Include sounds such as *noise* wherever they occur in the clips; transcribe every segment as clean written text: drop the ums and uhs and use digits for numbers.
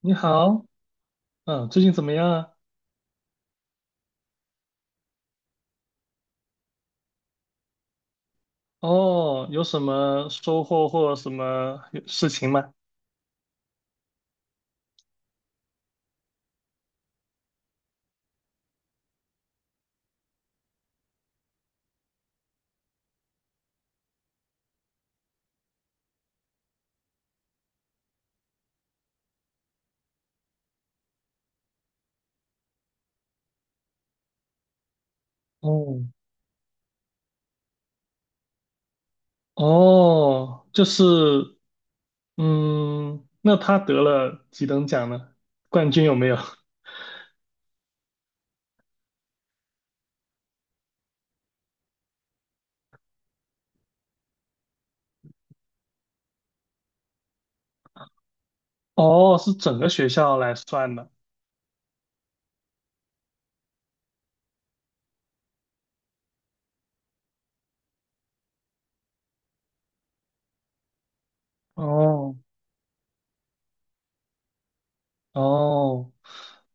你好，最近怎么样啊？哦，有什么收获或什么事情吗？哦，哦，就是，那他得了几等奖呢？冠军有没有？*laughs* 哦，是整个学校来算的。哦，哦，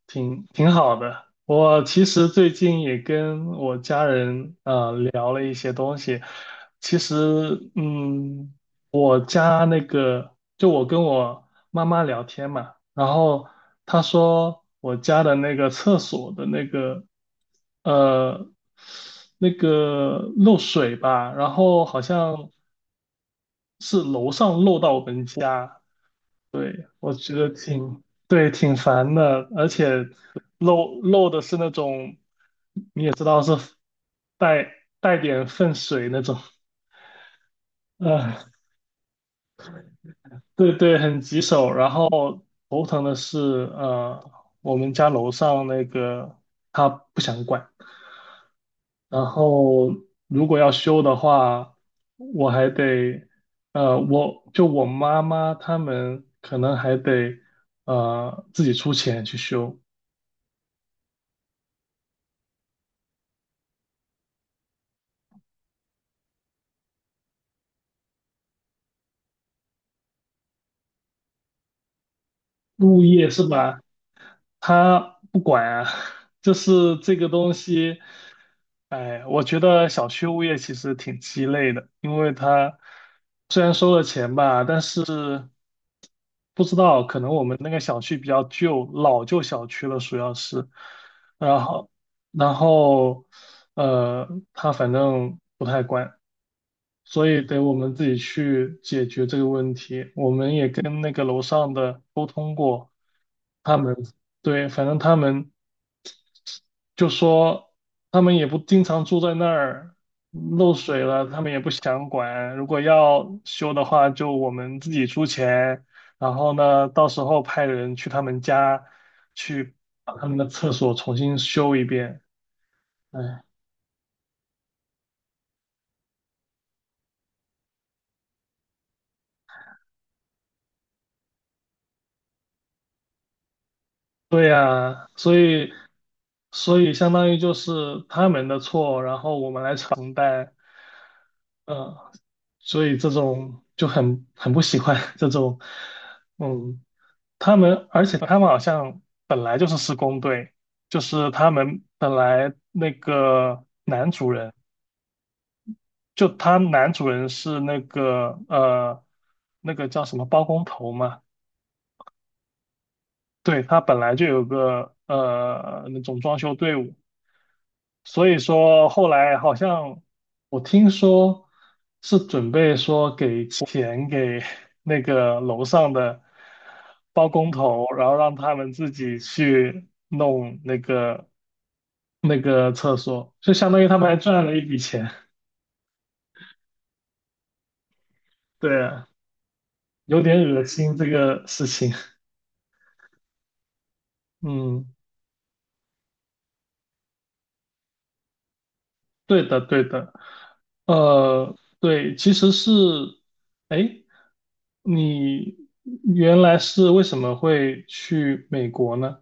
挺好的。我其实最近也跟我家人聊了一些东西。其实，我家那个，就我跟我妈妈聊天嘛，然后她说我家的那个厕所的呃那个漏水吧，然后好像是楼上漏到我们家，我觉得挺，对，挺烦的，而且漏的是那种，你也知道是带带点粪水那种，呃，对对，很棘手。然后头疼的是，呃，我们家楼上那个他不想管，然后如果要修的话，我还得，我就我妈妈他们可能还得，自己出钱去修。物业是吧？他不管啊，就是这个东西，哎，我觉得小区物业其实挺鸡肋的，因为他虽然收了钱吧，但是不知道，可能我们那个小区比较旧，老旧小区了，主要是，然后然后呃，他反正不太管，所以得我们自己去解决这个问题，我们也跟那个楼上的，沟通过。他们对，反正他们就说他们也不经常住在那儿，漏水了他们也不想管。如果要修的话，就我们自己出钱，然后呢，到时候派人去他们家去把他们的厕所重新修一遍。哎，对呀，所以相当于就是他们的错，然后我们来承担。呃，所以这种就很不喜欢 *laughs* 这种，嗯，他们，而且他们好像本来就是施工队，就是他们本来那个男主人，就他男主人是那个叫什么包工头嘛，对，他本来就有个那种装修队伍，所以说后来好像我听说是准备说给钱给 *laughs* 那个楼上的包工头，然后让他们自己去弄那个厕所，就相当于他们还赚了一笔钱。*laughs* 对啊，有点恶心这个事情。嗯，对的，对的。对，其实是，哎，你原来是为什么会去美国呢？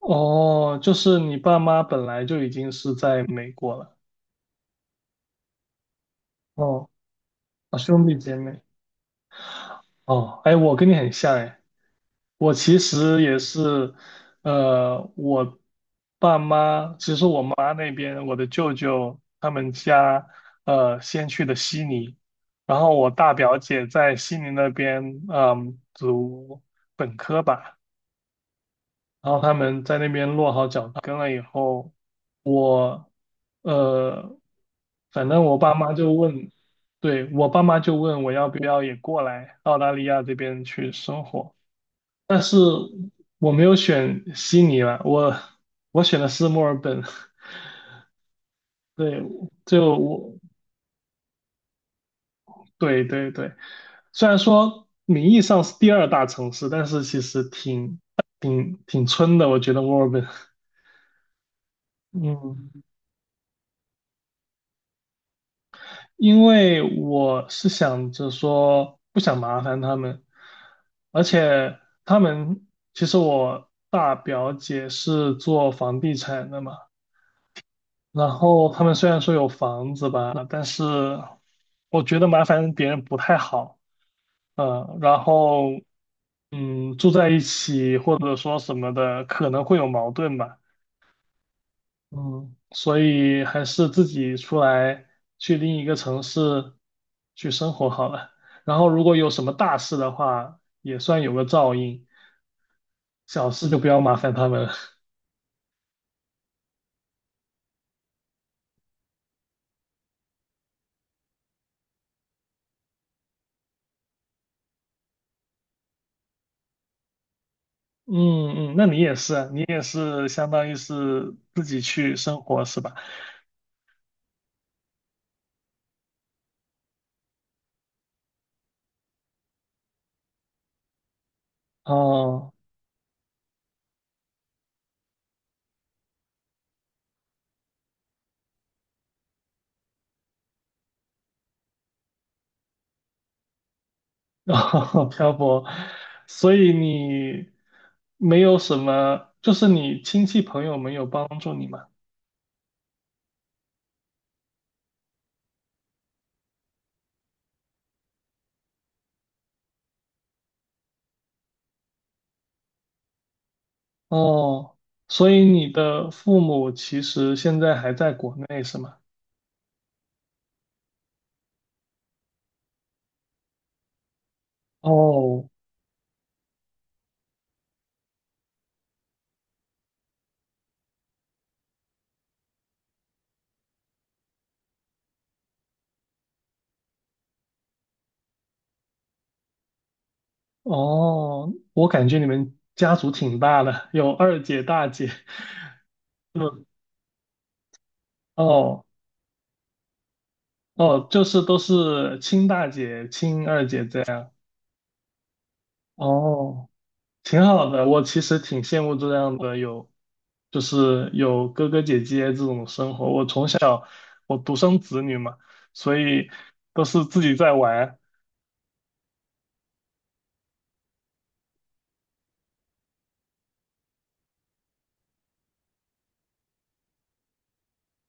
哦，就是你爸妈本来就已经是在美国了。哦，啊，兄弟姐妹。哦，哎，我跟你很像哎。我其实也是，我爸妈，其实我妈那边，我的舅舅他们家，先去的悉尼，然后我大表姐在悉尼那边，读本科吧，然后他们在那边落好脚跟了以后，呃，反正我爸妈就问，对，我爸妈就问我要不要也过来澳大利亚这边去生活。我没有选悉尼了，我选的是墨尔本。*laughs* 对，就我，对对对，虽然说名义上是第二大城市，但是其实挺村的，我觉得墨尔本。嗯，因为我是想着说不想麻烦他们，而且他们其实我大表姐是做房地产的嘛，然后他们虽然说有房子吧，但是我觉得麻烦别人不太好，然后住在一起或者说什么的可能会有矛盾吧，嗯，所以还是自己出来去另一个城市去生活好了。然后如果有什么大事的话，也算有个照应，小事就不要麻烦他们了 *laughs* 嗯嗯，那你也是相当于是自己去生活是吧？哦，*laughs* 哦漂泊，所以你没有什么，就是你亲戚朋友没有帮助你吗？哦，所以你的父母其实现在还在国内是吗？哦哦，我感觉你们家族挺大的，有二姐、大姐，*laughs* 嗯，哦哦，就是都是亲大姐、亲二姐这样。哦。挺好的，我其实挺羡慕这样的有，就是有哥哥姐姐这种生活。我从小我独生子女嘛，所以都是自己在玩。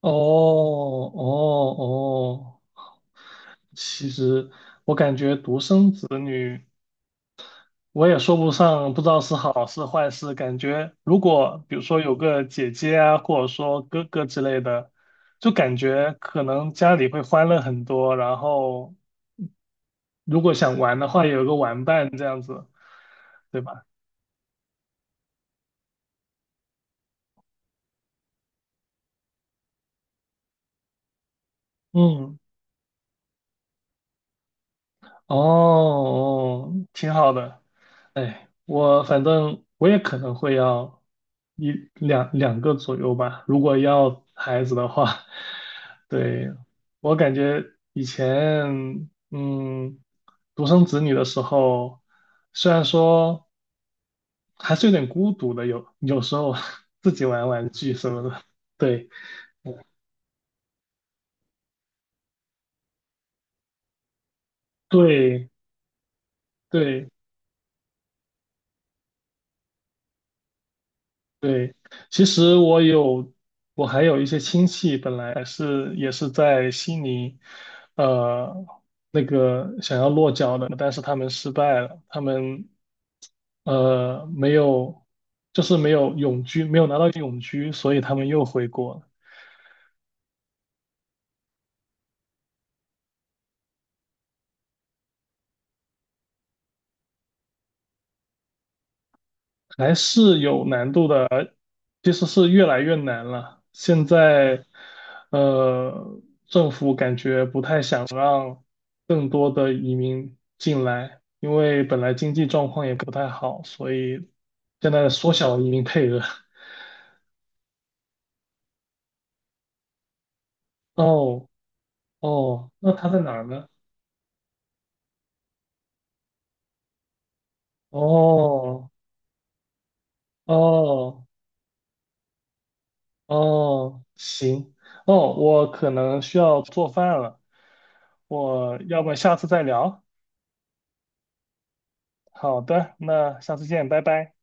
哦哦哦，其实我感觉独生子女，我也说不上，不知道是好是坏事。感觉如果比如说有个姐姐啊，或者说哥哥之类的，就感觉可能家里会欢乐很多，然后。如果想玩的话，有个玩伴这样子，对吧？嗯，哦，哦挺好的。哎，我反正我也可能会要一两两个左右吧，如果要孩子的话。*laughs* 对，我感觉以前，独生子女的时候，虽然说还是有点孤独的，有时候 *laughs* 自己玩玩具什么的。对，对，对。对，其实我有，我还有一些亲戚，本来是也是在悉尼，呃，那个想要落脚的，但是他们失败了，他们没有，就是没有永居，没有拿到永居，所以他们又回国了，还是有难度的。其实是越来越难了。现在，呃，政府感觉不太想让更多的移民进来，因为本来经济状况也不太好，所以现在缩小移民配额。*laughs* 哦哦，那他在哪儿呢？哦哦哦，行哦，我可能需要做饭了，我要不下次再聊？好的，那下次见，拜拜。